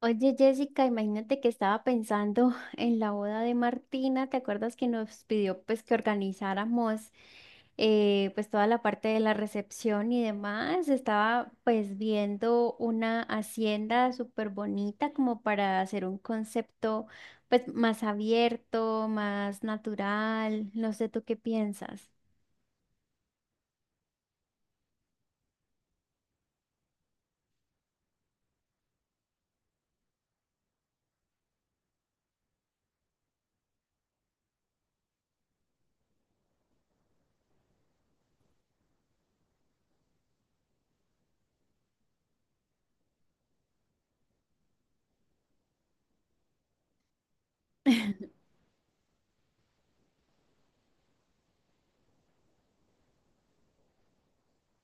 Oye, Jessica, imagínate que estaba pensando en la boda de Martina. ¿Te acuerdas que nos pidió pues que organizáramos pues toda la parte de la recepción y demás? Estaba pues viendo una hacienda súper bonita como para hacer un concepto pues más abierto, más natural. No sé, ¿tú qué piensas?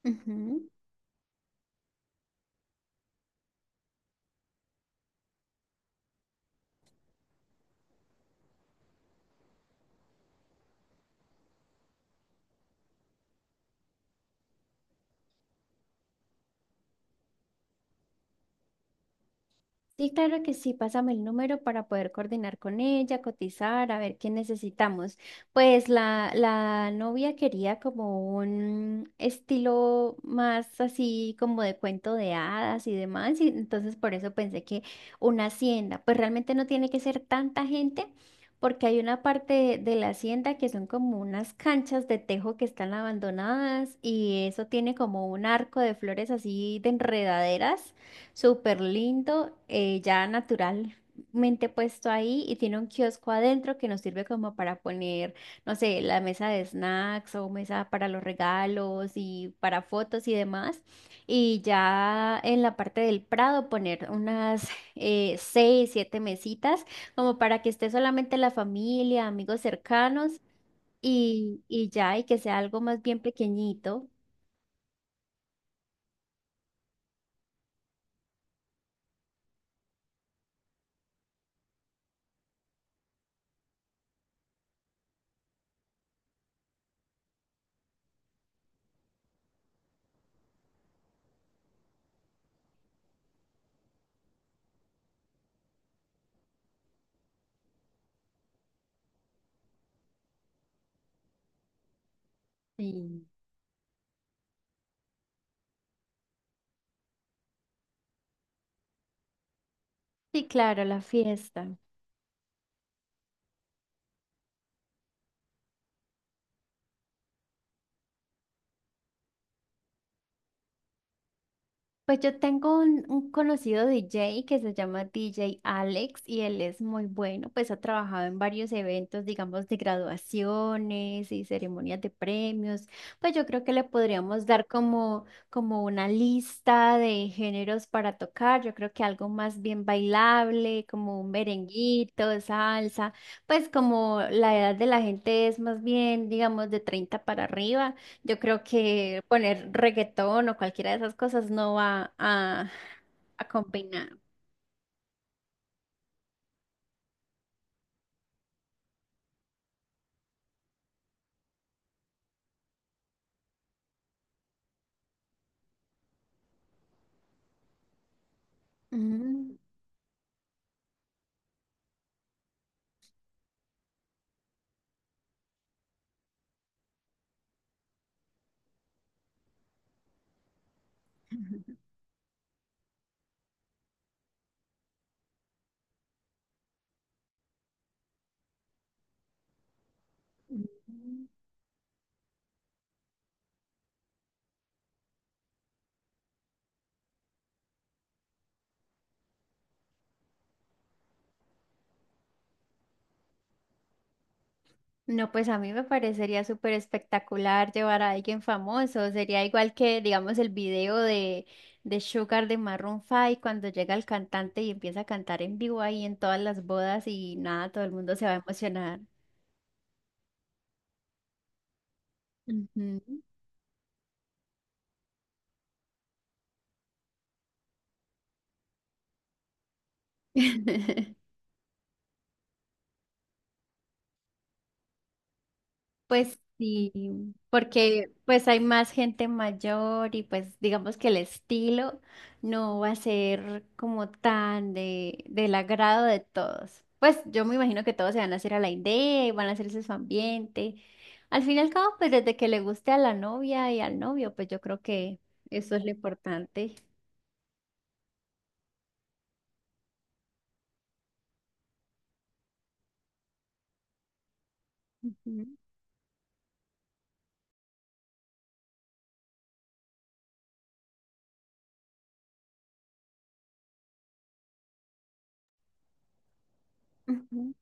Ujú. Sí, claro que sí, pásame el número para poder coordinar con ella, cotizar, a ver qué necesitamos. Pues la novia quería como un estilo más así como de cuento de hadas y demás, y entonces por eso pensé que una hacienda, pues realmente no tiene que ser tanta gente. Porque hay una parte de la hacienda que son como unas canchas de tejo que están abandonadas y eso tiene como un arco de flores así de enredaderas. Súper lindo, ya naturalmente puesto ahí, y tiene un kiosco adentro que nos sirve como para poner, no sé, la mesa de snacks o mesa para los regalos y para fotos y demás. Y ya en la parte del Prado poner unas seis, siete mesitas como para que esté solamente la familia, amigos cercanos y ya, y que sea algo más bien pequeñito. Sí. Sí, claro, la fiesta. Pues yo tengo un conocido DJ que se llama DJ Alex y él es muy bueno, pues ha trabajado en varios eventos, digamos, de graduaciones y ceremonias de premios. Pues yo creo que le podríamos dar como, como una lista de géneros para tocar. Yo creo que algo más bien bailable, como un merenguito, salsa, pues como la edad de la gente es más bien, digamos, de 30 para arriba. Yo creo que poner reggaetón o cualquiera de esas cosas no va a combinar. Mm, mm. No, pues a mí me parecería súper espectacular llevar a alguien famoso. Sería igual que, digamos, el video de Sugar de Maroon 5 cuando llega el cantante y empieza a cantar en vivo ahí en todas las bodas y nada, todo el mundo se va a emocionar. Ujú. Pues sí, porque pues hay más gente mayor y pues digamos que el estilo no va a ser como tan de, del agrado de todos. Pues yo me imagino que todos se van a hacer a la idea y van a hacerse su ambiente. Al fin y al cabo, pues desde que le guste a la novia y al novio, pues yo creo que eso es lo importante. Ujú. Ujú.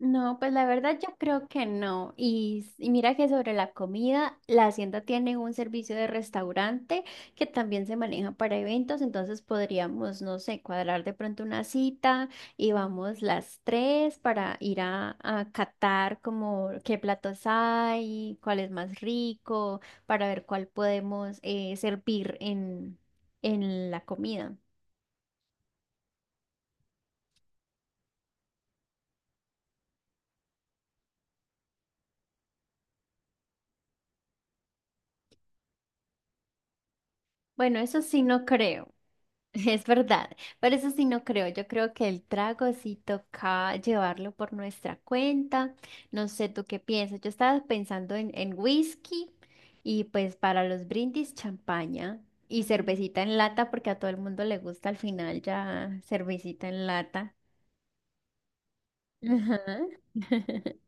No, pues la verdad yo creo que no. Y mira que sobre la comida, la hacienda tiene un servicio de restaurante que también se maneja para eventos, entonces podríamos, no sé, cuadrar de pronto una cita y vamos las tres para ir a catar como qué platos hay, cuál es más rico, para ver cuál podemos servir en, la comida. Bueno, eso sí no creo. Es verdad, pero eso sí no creo. Yo creo que el trago sí toca llevarlo por nuestra cuenta. No sé tú qué piensas. Yo estaba pensando en whisky y pues para los brindis champaña y cervecita en lata porque a todo el mundo le gusta al final ya cervecita en lata. Ajá.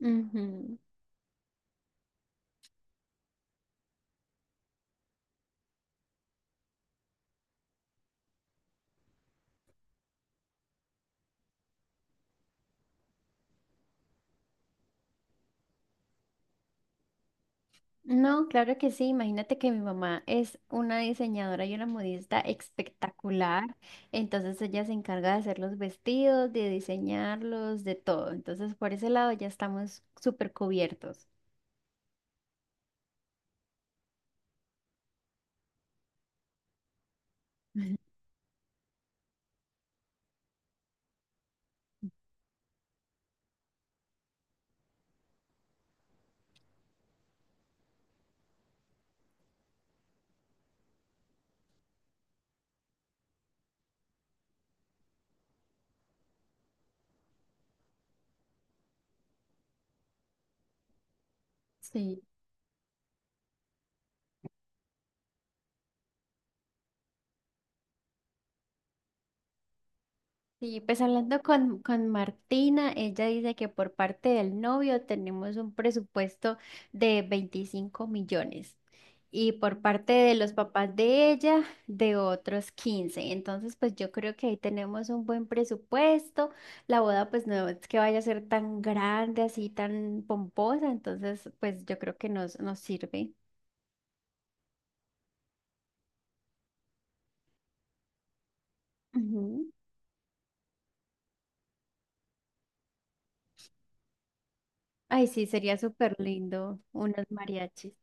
Ujú. No, claro que sí. Imagínate que mi mamá es una diseñadora y una modista espectacular. Entonces ella se encarga de hacer los vestidos, de diseñarlos, de todo. Entonces por ese lado ya estamos súper cubiertos. Sí. Sí, pues hablando con Martina, ella dice que por parte del novio tenemos un presupuesto de 25 millones y por parte de los papás de ella de otros 15. Entonces, pues yo creo que ahí tenemos un buen presupuesto. La boda pues no es que vaya a ser tan grande, así tan pomposa, entonces pues yo creo que nos sirve. Ujú. Ay, sí, sería súper lindo unos mariachis.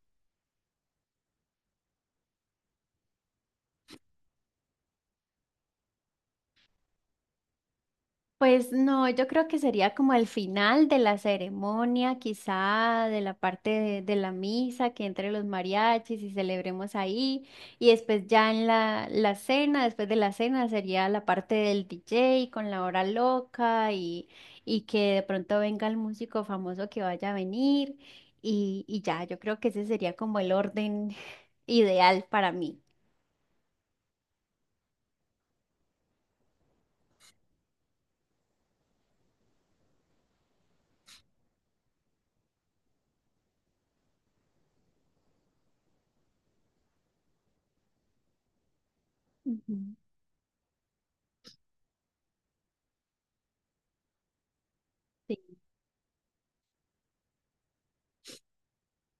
Pues no, yo creo que sería como el final de la ceremonia, quizá de la parte de la misa, que entre los mariachis y celebremos ahí. Y después ya en la cena, después de la cena sería la parte del DJ con la hora loca y que de pronto venga el músico famoso que vaya a venir. Y ya, yo creo que ese sería como el orden ideal para mí. Ujú.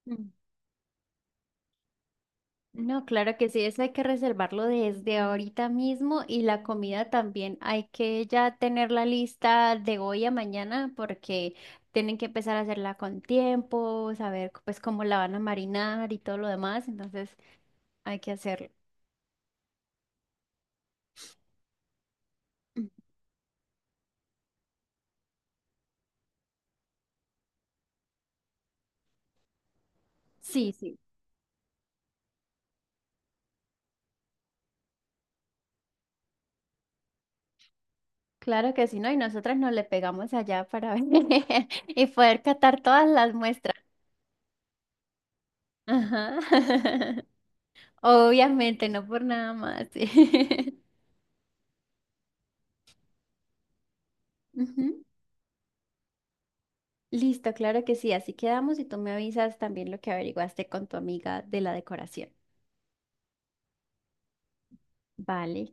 Sí. No, claro que sí, eso hay que reservarlo desde ahorita mismo y la comida también hay que ya tener la lista de hoy a mañana porque tienen que empezar a hacerla con tiempo, saber pues cómo la van a marinar y todo lo demás, entonces hay que hacerlo. Sí, sí, claro que sí, ¿no? Y nosotras nos le pegamos allá para ver y poder catar todas las muestras. Ajá. Obviamente, no por nada más. Sí. Ujú. Listo, claro que sí. Así quedamos y tú me avisas también lo que averiguaste con tu amiga de la decoración. Vale.